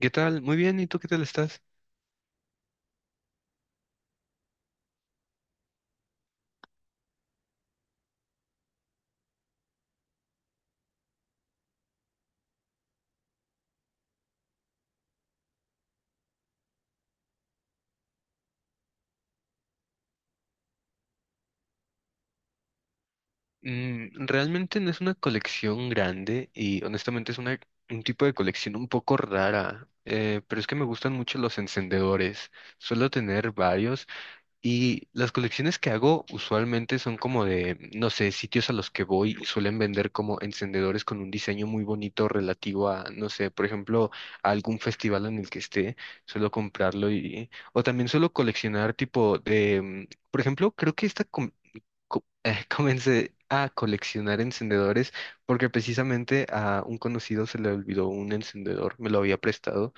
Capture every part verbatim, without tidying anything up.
¿Qué tal? Muy bien, ¿y tú qué tal estás? Mm, realmente no es una colección grande y honestamente es una, un tipo de colección un poco rara, eh, pero es que me gustan mucho los encendedores. Suelo tener varios y las colecciones que hago usualmente son como de, no sé, sitios a los que voy y suelen vender como encendedores con un diseño muy bonito relativo a, no sé, por ejemplo, a algún festival en el que esté. Suelo comprarlo y... O también suelo coleccionar tipo de... mm, Por ejemplo, creo que esta, com- co- eh, comencé a coleccionar encendedores porque precisamente a un conocido se le olvidó un encendedor, me lo había prestado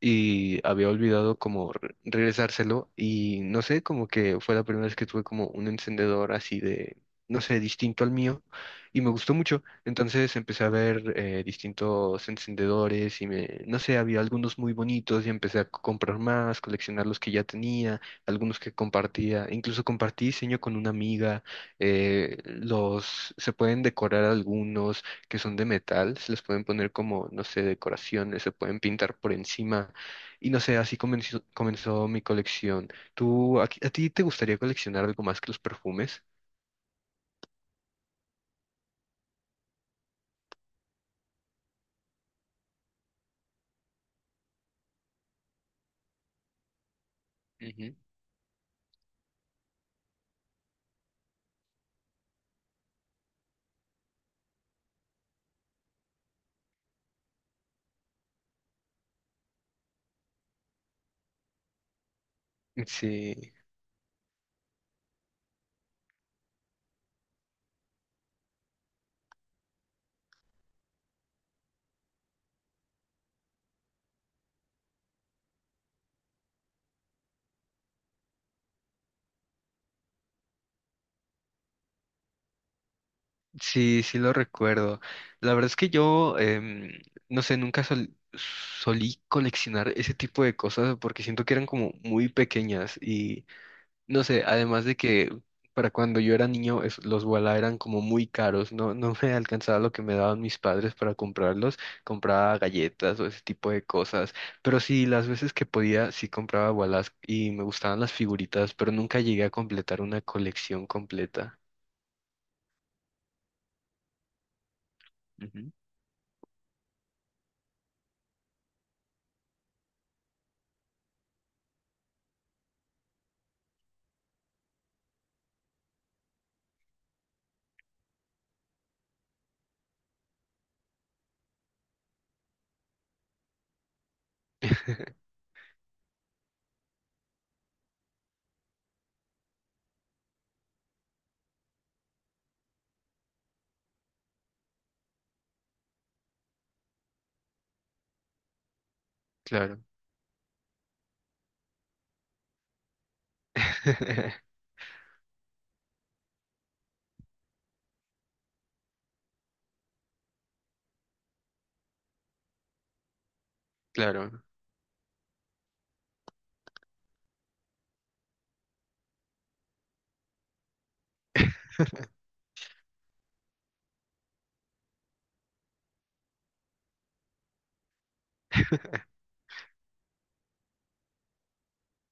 y había olvidado como re- regresárselo y no sé, como que fue la primera vez que tuve como un encendedor así de, no sé, distinto al mío y me gustó mucho. Entonces empecé a ver eh, distintos encendedores y me, no sé, había algunos muy bonitos y empecé a comprar más, coleccionar los que ya tenía, algunos que compartía, incluso compartí diseño con una amiga, eh, los, se pueden decorar algunos que son de metal, se les pueden poner como, no sé, decoraciones, se pueden pintar por encima. Y no sé, así comenzó, comenzó mi colección. ¿Tú, a, a ti te gustaría coleccionar algo más que los perfumes? Ujú. Sí, sí, sí lo recuerdo. La verdad es que yo, em, no sé, nunca sol- solí coleccionar ese tipo de cosas porque siento que eran como muy pequeñas. No sé, además de que para cuando yo era niño es- los Wala eran como muy caros, no, no me alcanzaba lo que me daban mis padres para comprarlos, compraba galletas o ese tipo de cosas, pero sí, las veces que podía sí compraba Walas y me gustaban las figuritas, pero nunca llegué a completar una colección completa. Ujú. Claro, claro,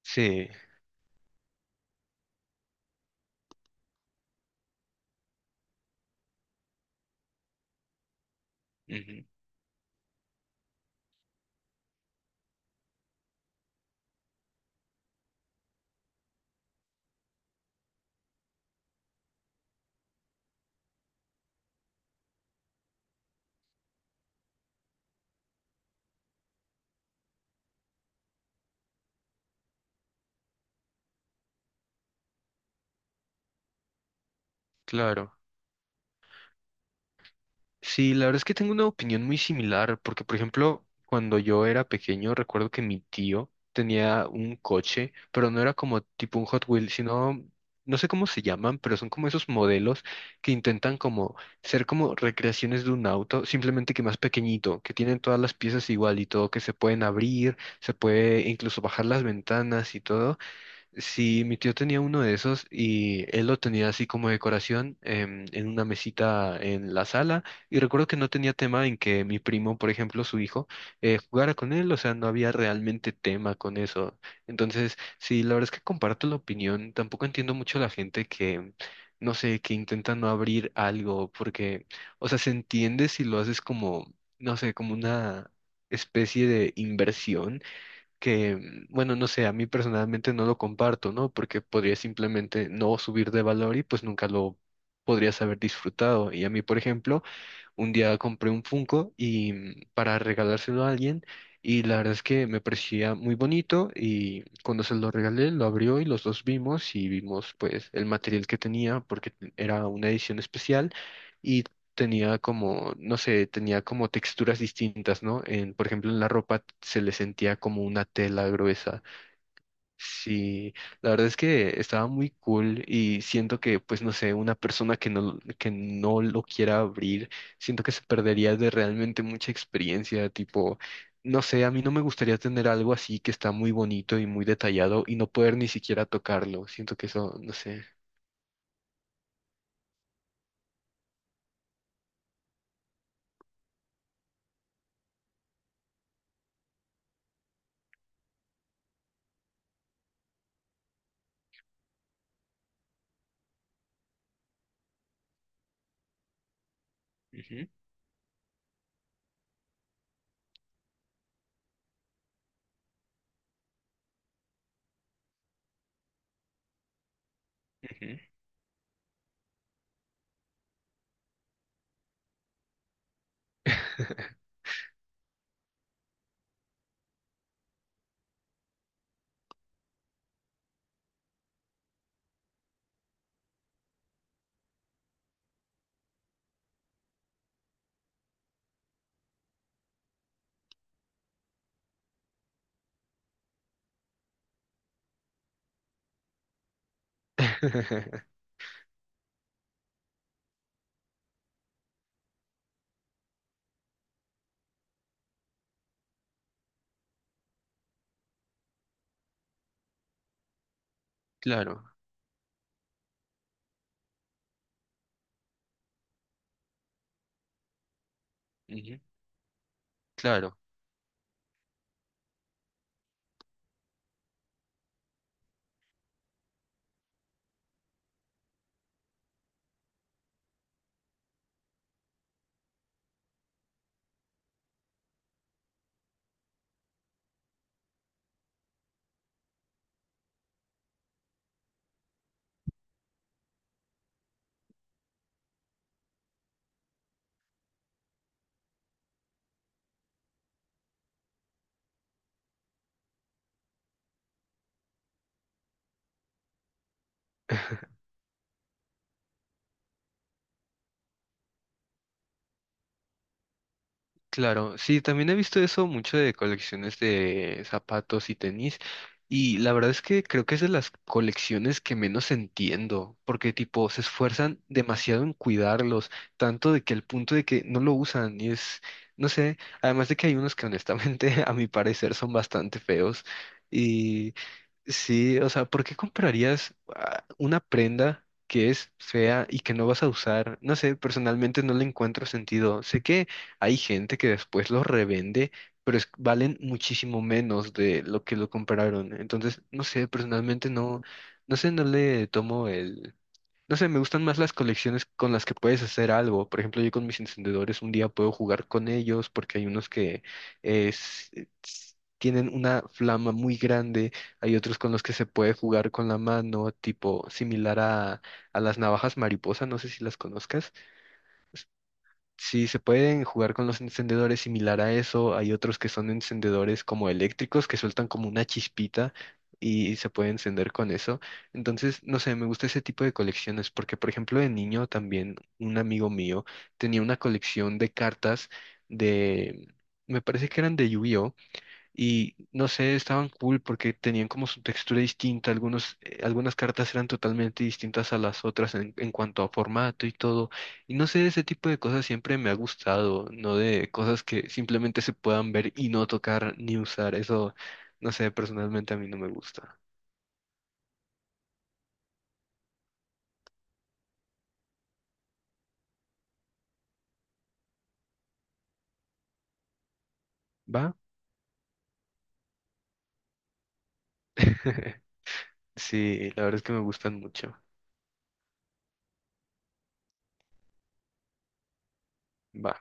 sí, ujú, claro. Sí, la verdad es que tengo una opinión muy similar, porque por ejemplo, cuando yo era pequeño, recuerdo que mi tío tenía un coche, pero no era como tipo un Hot Wheels, sino, no sé cómo se llaman, pero son como esos modelos que intentan como ser como recreaciones de un auto, simplemente que más pequeñito, que tienen todas las piezas igual y todo, que se pueden abrir, se puede incluso bajar las ventanas y todo. Sí, mi tío tenía uno de esos y él lo tenía así como decoración em, en una mesita en la sala y recuerdo que no tenía tema en que mi primo, por ejemplo, su hijo, eh, jugara con él, o sea, no había realmente tema con eso. Entonces, sí, la verdad es que comparto la opinión, tampoco entiendo mucho la gente que, no sé, que intenta no abrir algo porque, o sea, se entiende si lo haces como, no sé, como una especie de inversión que, mm, bueno, no sé, a mí personalmente no lo comparto, ¿no? Porque podría simplemente no subir de valor y pues nunca lo podrías haber disfrutado. Y a mí, por ejemplo, un día compré un Funko y mm, para regalárselo a alguien y la verdad es que me parecía muy bonito y cuando se lo regalé lo abrió y los dos vimos y vimos pues el material que tenía porque era una edición especial y tenía como, no sé, tenía como texturas distintas, ¿no? En, por ejemplo, en la ropa se le sentía como una tela gruesa. Sí, la verdad es que estaba muy cool y siento que, pues no sé, una persona que no, que no lo quiera abrir, siento que se perdería de realmente mucha experiencia, tipo, no sé, a mí no me gustaría tener algo así que está muy bonito y muy detallado y no poder ni siquiera tocarlo, siento que eso, no sé. Ujú, ujú. Claro, ujú, claro. Claro, sí, también he visto eso mucho de colecciones de zapatos y tenis, y la verdad es que creo que es de las colecciones que menos entiendo, porque tipo se esfuerzan demasiado en cuidarlos, tanto de que el punto de que no lo usan y es, no sé, además de que hay unos que honestamente a mi parecer son bastante feos. Sí, o sea, ¿por qué comprarías ah, una prenda que es fea y que no vas a usar? No sé, personalmente no le encuentro sentido. Sé que hay gente que después los revende, pero es- valen muchísimo menos de lo que lo compraron. Entonces, no sé, personalmente no, no sé, no le tomo, no sé, me gustan más las colecciones con las que puedes hacer algo. Por ejemplo, yo con mis encendedores un día puedo jugar con ellos porque hay unos que es- s- tienen una flama muy grande, hay otros con los que se puede jugar con la mano, tipo similar a, a las navajas mariposa, no sé si las conozcas. Sí, se pueden jugar con los encendedores similar a eso. Hay otros que son encendedores como eléctricos que sueltan como una chispita y se puede encender con eso. Entonces, no sé, me gusta ese tipo de colecciones porque, por ejemplo, de niño también un amigo mío tenía una colección de cartas de, me parece que eran de yu y no sé, estaban cool porque tenían como su textura distinta. Algunos, eh, algunas cartas eran totalmente distintas a las otras en, en cuanto a formato y todo. Y no sé, ese tipo de cosas siempre me ha gustado, no de cosas que simplemente se puedan ver y no tocar ni usar. Eso, no sé, personalmente a mí no me gusta. ¿Va? Sí, la verdad es que me gustan mucho. Va.